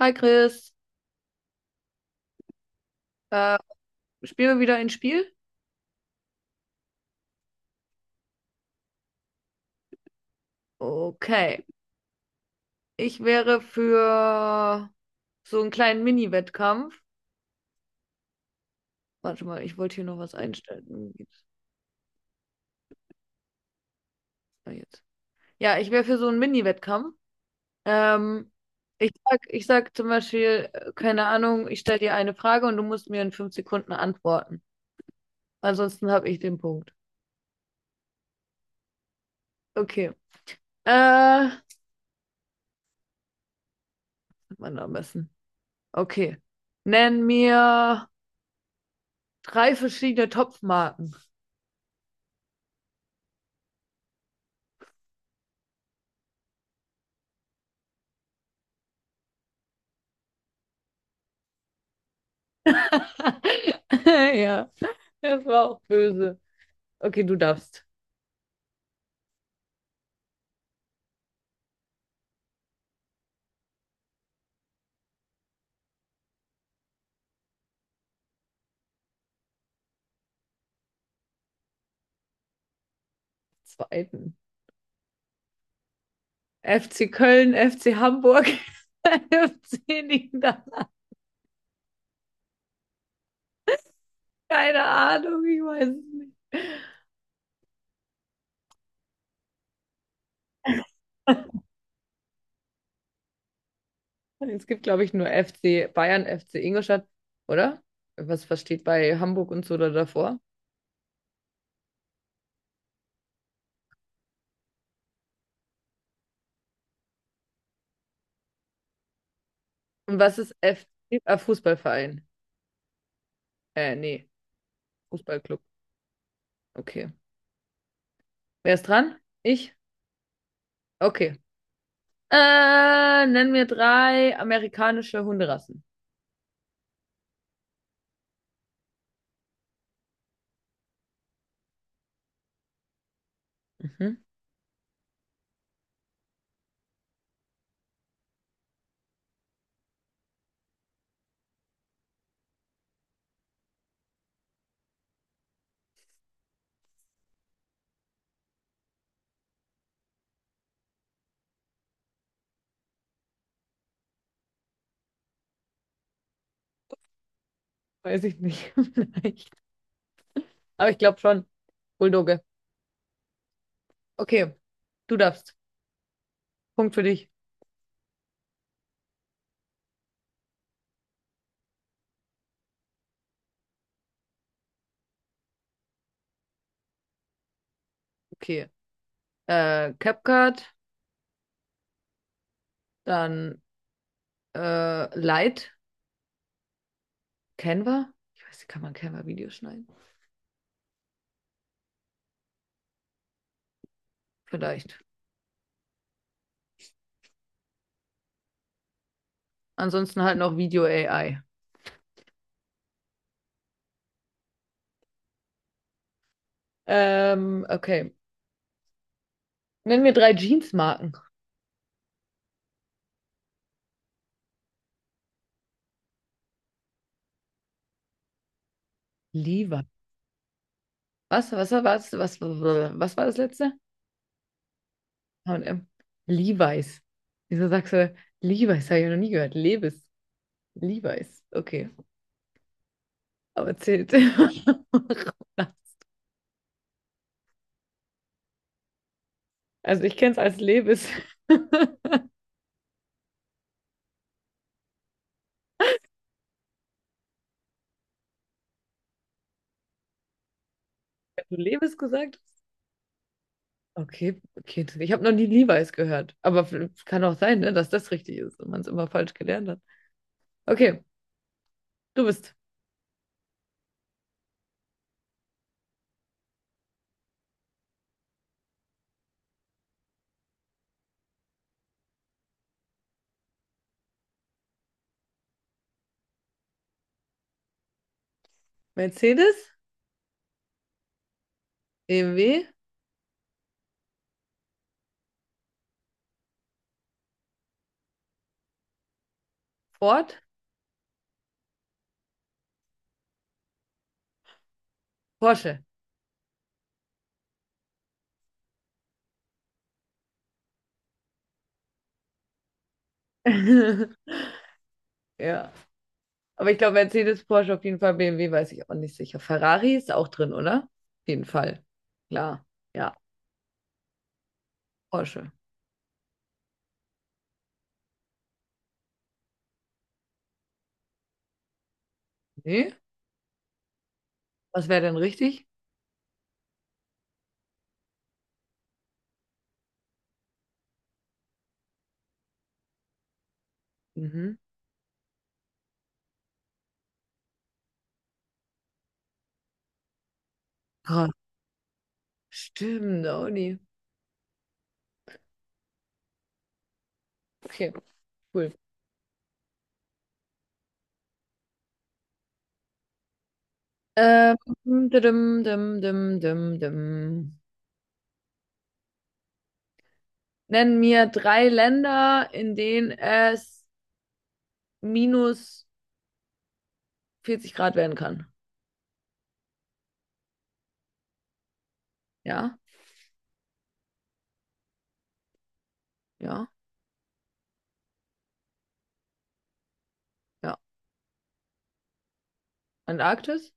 Hi Chris, äh, spielen wir wieder ein Spiel? Okay, ich wäre für so einen kleinen Mini-Wettkampf. Warte mal, ich wollte hier noch was einstellen. Wo geht's? Ah, jetzt. Ja, ich wäre für so einen Mini-Wettkampf. Ähm, ich sag zum Beispiel, keine Ahnung, ich stelle dir eine Frage und du musst mir in 5 Sekunden antworten. Ansonsten habe ich den Punkt. Okay. Was hat man da am besten? Okay. Nenn mir drei verschiedene Topfmarken. Ja, das war auch böse. Okay, du darfst zweiten. FC Köln, FC Hamburg, FC liegen da. Keine Ahnung, ich weiß es nicht. Es gibt, glaube ich, nur FC Bayern, FC Ingolstadt, oder? Was steht bei Hamburg und so da davor? Und was ist FC? Ah, Fußballverein. Nee, Fußballclub. Okay. Wer ist dran? Ich? Okay. Nenn mir drei amerikanische Hunderassen. Mhm. Weiß ich nicht. Vielleicht. Aber ich glaube schon. Bulldogge. Okay, du darfst. Punkt für dich. Okay. CapCut, dann Light, Canva. Ich weiß nicht, kann man Canva-Videos schneiden? Vielleicht. Ansonsten halt noch Video-AI. Okay. Nenn mir drei Jeansmarken. Levi's. Was war das letzte? H&M. Levi's. Wieso sagst du Levi's? Habe ich noch nie gehört. Levis. Levi's. Okay. Aber zählt. Also ich kenne es als Levis. Wenn du Levis gesagt hast? Okay, okay. Ich habe noch nie Levi's gehört. Aber es kann auch sein, ne, dass das richtig ist und man es immer falsch gelernt hat. Okay, du bist Mercedes, BMW, Ford, Porsche. Ja. Aber ich glaube, Mercedes, Porsche auf jeden Fall, BMW weiß ich auch nicht sicher. Ferrari ist auch drin, oder? Auf jeden Fall. Klar. Ja. Porsche. Nee? Was wäre denn richtig? Mhm. Krass. Stimmt, Audi. Okay, cool. Ähm, dim, dim. Nenn mir drei Länder, in denen es minus 40 Grad werden kann. Ja? Ja? Ja. Antarktis?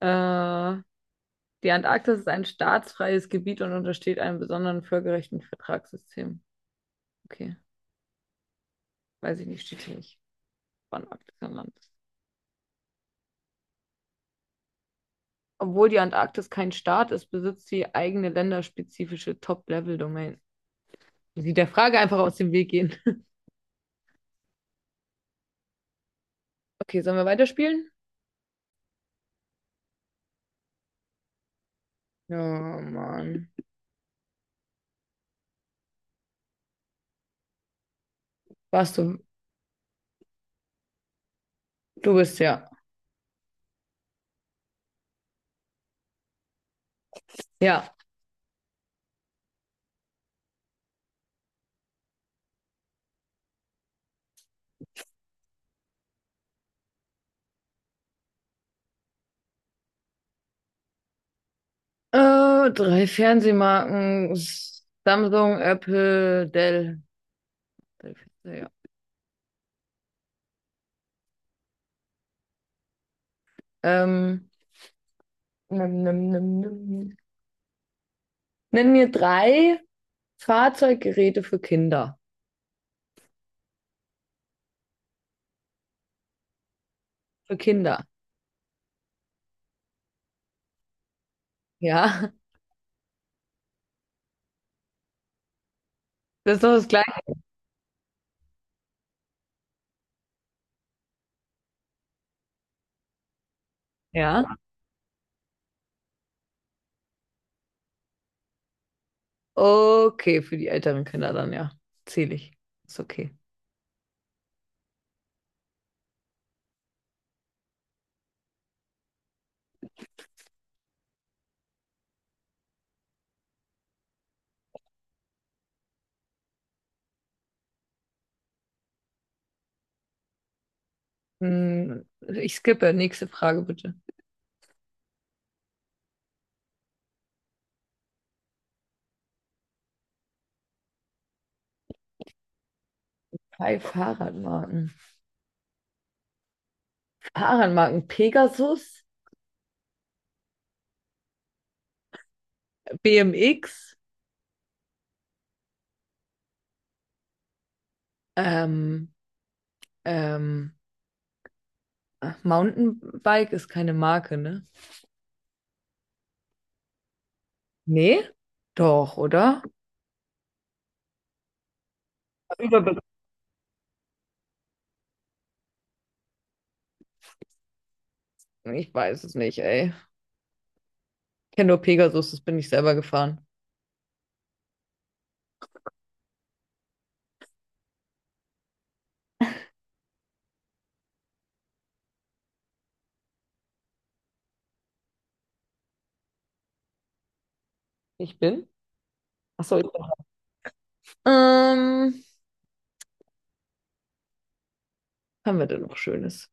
Äh, Die Antarktis ist ein staatsfreies Gebiet und untersteht einem besonderen völkerrechtlichen Vertragssystem. Okay, weiß ich nicht, steht hier nicht, wann Arktis ein Land ist. Obwohl die Antarktis kein Staat ist, besitzt sie eigene länderspezifische Top-Level-Domain. Sie der Frage einfach aus dem Weg gehen. Okay, sollen wir weiterspielen? Ja, Mann. Warst du? Du bist ja. Ja. Drei Fernsehmarken. Samsung, Apple, Dell. Drei Fernseher, ja. Ähm, nimm. Nenn mir drei Fahrzeuggeräte für Kinder. Für Kinder. Ja. Das ist doch das Gleiche. Ja. Okay, für die älteren Kinder dann, ja. Zähle ich. Ist okay. Hm, ich skippe. Nächste Frage bitte. Drei Fahrradmarken. Fahrradmarken. Pegasus, BMX, ähm, ähm, ach, Mountainbike ist keine Marke, ne? Nee? Doch, oder? Überbe ich weiß es nicht, ey. Ich kenne nur Pegasus, das bin ich selber gefahren. Ich bin? Achso, ich bin. Ähm, was haben wir denn noch Schönes?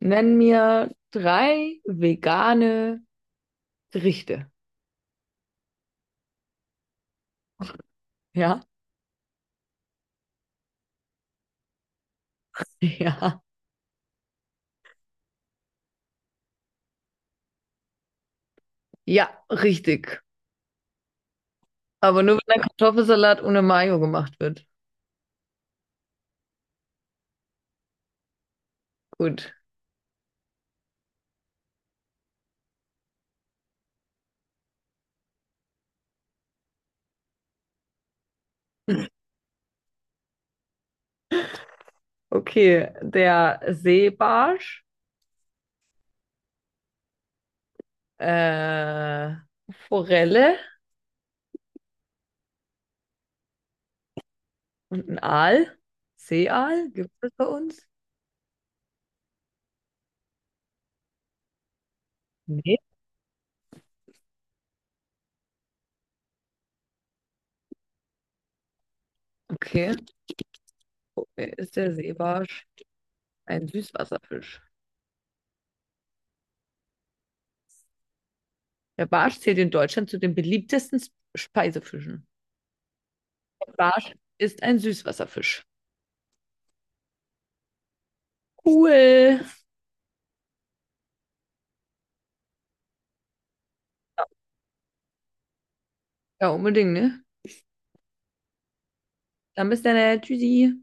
Nenn mir drei vegane Gerichte. Ja? Ja. Ja, richtig. Aber nur wenn ein Kartoffelsalat ohne Mayo gemacht wird. Gut. Okay, der Seebarsch, äh, Forelle und ein Aal. Seeaal, gibt es bei uns? Nee. Okay. Okay, ist der Seebarsch ein Süßwasserfisch? Der Barsch zählt in Deutschland zu den beliebtesten Speisefischen. Barsch ist ein Süßwasserfisch. Cool. Ja, unbedingt, ne? Dann bis dann. Tschüssi.